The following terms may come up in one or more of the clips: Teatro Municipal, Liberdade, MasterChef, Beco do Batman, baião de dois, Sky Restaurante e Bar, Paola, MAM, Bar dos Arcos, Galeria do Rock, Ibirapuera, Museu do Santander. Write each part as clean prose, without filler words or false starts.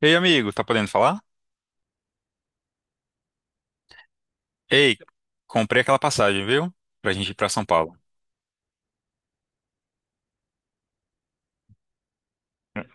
Ei, amigo, tá podendo falar? Ei, comprei aquela passagem, viu? Pra gente ir pra São Paulo.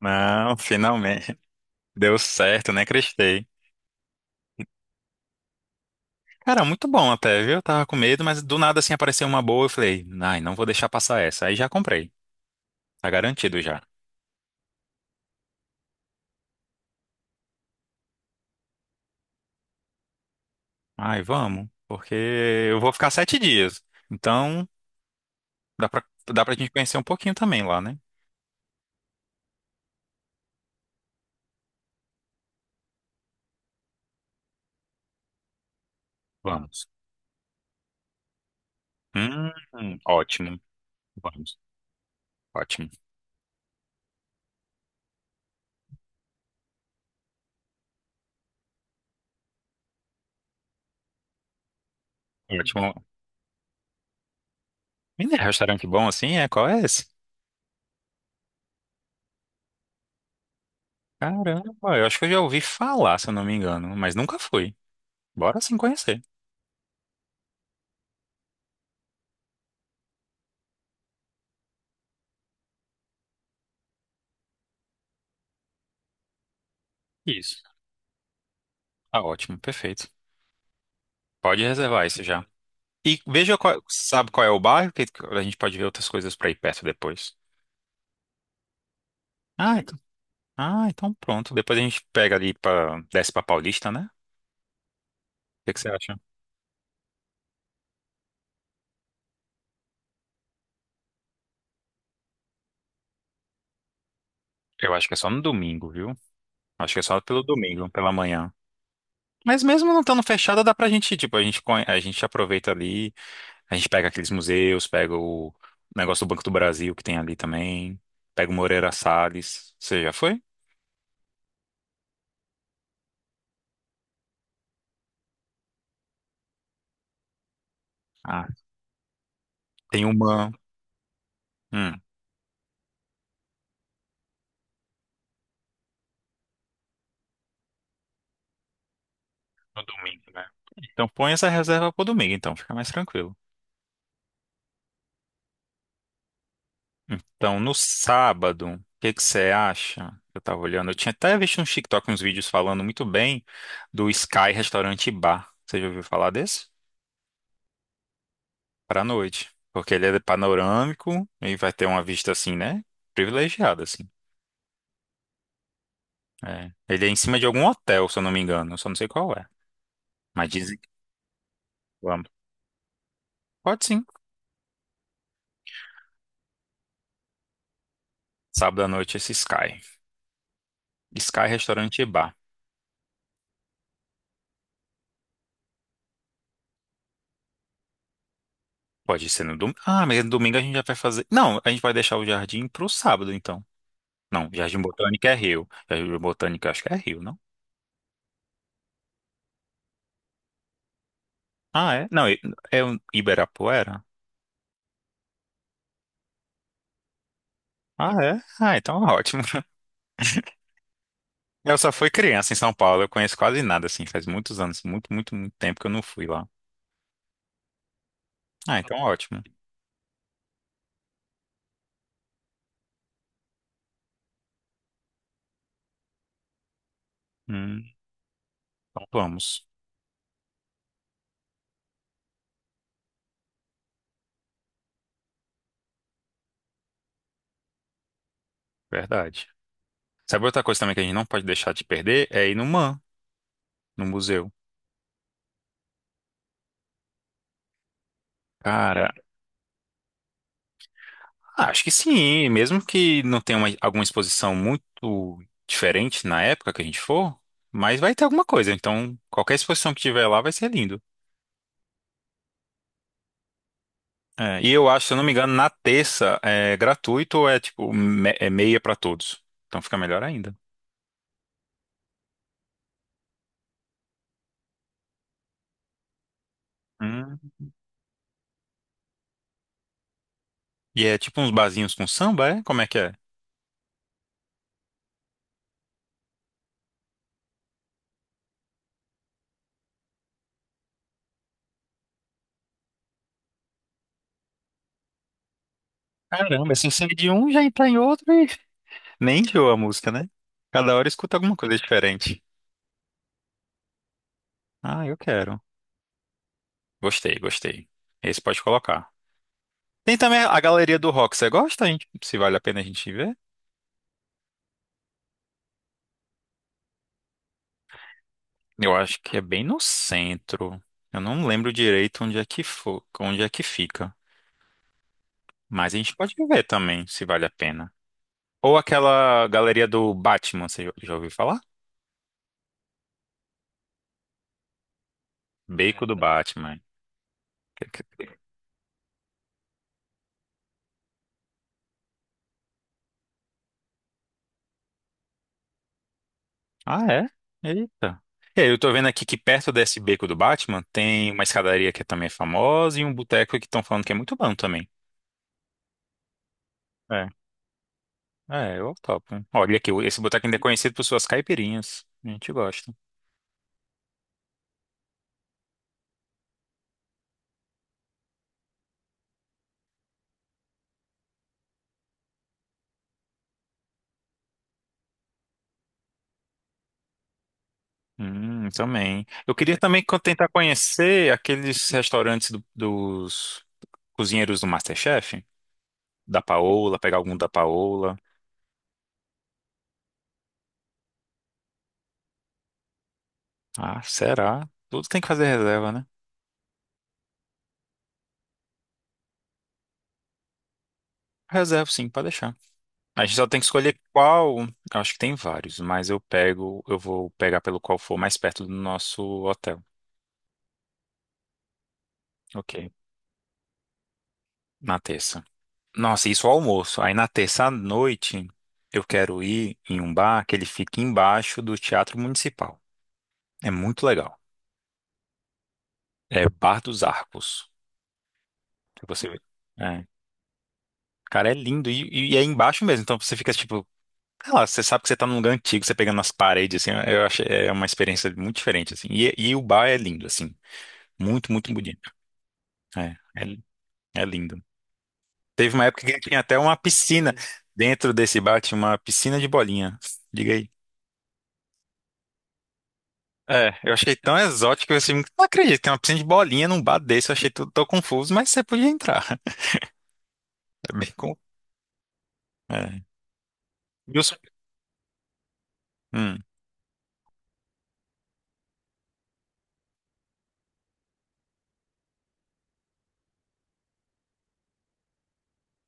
Não, finalmente. Deu certo, né? Acreditei. Cara, muito bom até, viu? Eu tava com medo, mas do nada assim apareceu uma boa. Eu falei, ai, não vou deixar passar essa. Aí já comprei. Tá garantido já. Ai, vamos, porque eu vou ficar 7 dias. Então, dá pra, dá pra gente conhecer um pouquinho também lá, né? Vamos. Ótimo. Vamos. Ótimo. Ótimo. Menino, restaurante bom assim, é? Qual é esse? Caramba, eu acho que eu já ouvi falar, se eu não me engano, mas nunca fui. Bora sim conhecer. Isso. Tá ótimo, perfeito. Pode reservar isso já. E veja qual, sabe qual é o bairro, que a gente pode ver outras coisas pra ir perto depois. Ah, então, ah, então pronto. Depois a gente pega ali para desce pra Paulista, né? O que que você acha? Eu acho que é só no domingo, viu? Acho que é só pelo domingo, pela manhã. Mas mesmo não estando fechada, dá pra gente, tipo, a gente aproveita ali. A gente pega aqueles museus, pega o negócio do Banco do Brasil que tem ali também, pega o Moreira Salles. Você já foi? Ah, tem uma. Hum, no domingo, né? Então põe essa reserva pro domingo, então, fica mais tranquilo. Então, no sábado, o que que você acha? Eu tava olhando, eu tinha até visto no TikTok uns vídeos falando muito bem do Sky Restaurante e Bar. Você já ouviu falar desse? Pra noite. Porque ele é panorâmico e vai ter uma vista assim, né? Privilegiada, assim. É. Ele é em cima de algum hotel, se eu não me engano. Eu só não sei qual é. Mas dizem que vamos. Pode sim. Sábado à noite esse Sky. Sky Restaurante e Bar. Pode ser no domingo. Ah, mas no domingo a gente já vai fazer. Não, a gente vai deixar o jardim pro sábado, então. Não, Jardim Botânico é Rio. Jardim Botânico eu acho que é Rio, não? Ah, é? Não, é o Ibirapuera? Ah, é? Ah, então ótimo. Eu só fui criança em São Paulo, eu conheço quase nada, assim, faz muitos anos, muito, muito, muito tempo que eu não fui lá. Ah, então ótimo. Hum, então vamos. Verdade. Sabe outra coisa também que a gente não pode deixar de perder? É ir no MAM, no museu. Cara, acho que sim, mesmo que não tenha alguma exposição muito diferente na época que a gente for, mas vai ter alguma coisa. Então, qualquer exposição que tiver lá vai ser lindo. É, e eu acho, se eu não me engano, na terça é gratuito ou é é meia pra todos. Então fica melhor ainda. Hum. E é tipo uns barzinhos com samba, é? Como é que é? Caramba, assim sai de um, já entra em outro e nem enjoa a música, né? Cada hora escuta alguma coisa diferente. Ah, eu quero. Gostei, gostei. Esse pode colocar. Tem também a galeria do Rock. Você gosta, gente? Se vale a pena a gente ver? Eu acho que é bem no centro. Eu não lembro direito onde é que fica. Mas a gente pode ver também, se vale a pena. Ou aquela galeria do Batman, você já ouviu falar? Beco do Batman. Que- que- Ah, é? Eita. E aí, eu tô vendo aqui que perto desse beco do Batman tem uma escadaria que também é famosa e um boteco que estão falando que é muito bom também. É, eu topo. Olha aqui, esse boteco ainda é conhecido por suas caipirinhas. A gente gosta. Também. Eu queria tentar conhecer aqueles restaurantes dos cozinheiros do MasterChef, da Paola, pegar algum da Paola. Ah, será? Tudo tem que fazer reserva, né? Reserva, sim, pode deixar. A gente só tem que escolher qual. Eu acho que tem vários, mas eu pego, eu vou pegar pelo qual for mais perto do nosso hotel. Ok, na terça. Nossa, isso ao almoço. Aí na terça à noite eu quero ir em um bar que ele fica embaixo do Teatro Municipal. É muito legal. É Bar dos Arcos. Se você ver. É. Cara, é lindo. E é embaixo mesmo. Então você fica tipo, sei lá, você sabe que você tá num lugar antigo, você pegando nas paredes, assim. Eu acho é uma experiência muito diferente, assim. E o bar é lindo, assim. Muito, muito bonito. É, é, é lindo. Teve uma época que tinha até uma piscina. Dentro desse bar tinha uma piscina de bolinha. Diga aí. É, eu achei tão exótico assim, não acredito, tem uma piscina de bolinha num bar desse, eu achei tudo tão confuso, mas você podia entrar. É bem com... É. E os- Hum,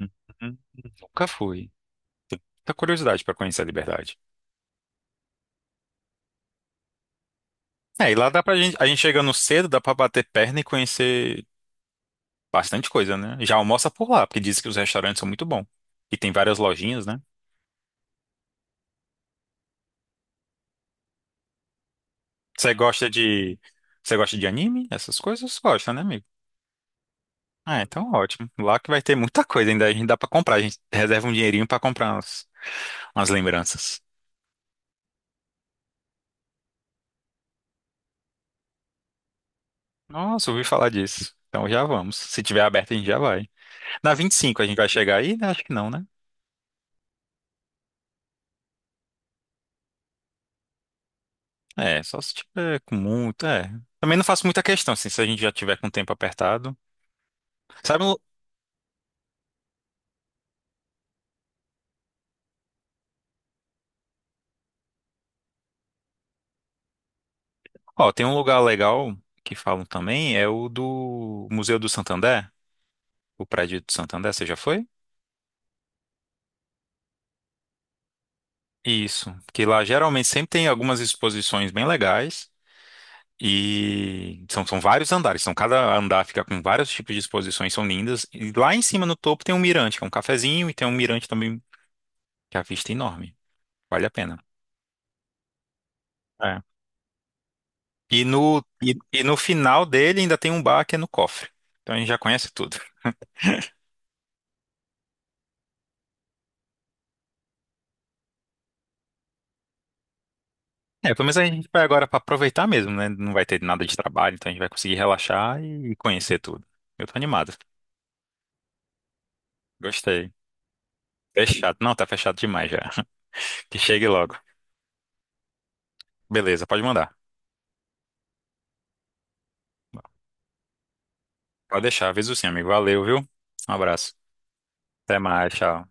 hum, hum, nunca fui. Tá curiosidade pra conhecer a Liberdade. É, e lá dá pra gente, a gente chegando cedo, dá pra bater perna e conhecer bastante coisa, né? Já almoça por lá, porque dizem que os restaurantes são muito bons. E tem várias lojinhas, né? Você gosta de, você gosta de anime? Essas coisas gosta, né, amigo? Ah, então ótimo. Lá que vai ter muita coisa ainda, a gente dá pra comprar, a gente reserva um dinheirinho pra comprar uns. As lembranças. Nossa, ouvi falar disso. Então já vamos. Se tiver aberto, a gente já vai. Na 25 a gente vai chegar aí? Né? Acho que não, né? É, só se tiver com muito, é. Também não faço muita questão, assim, se a gente já tiver com o tempo apertado. Sabe, um- ó, tem um lugar legal que falam também, é o do Museu do Santander, o prédio do Santander, você já foi? Isso, que lá geralmente sempre tem algumas exposições bem legais. E são vários andares, então cada andar fica com vários tipos de exposições, são lindas. E lá em cima, no topo, tem um mirante, que é um cafezinho, e tem um mirante também, que a vista é enorme. Vale a pena. É. E no final dele ainda tem um bar que é no cofre. Então a gente já conhece tudo. É, pelo menos a gente vai agora para aproveitar mesmo, né? Não vai ter nada de trabalho, então a gente vai conseguir relaxar e conhecer tudo. Eu tô animado. Gostei. Fechado. Não, tá fechado demais já. Que chegue logo. Beleza, pode mandar. Pode deixar, avisa sim, amigo. Valeu, viu? Um abraço. Até mais, tchau.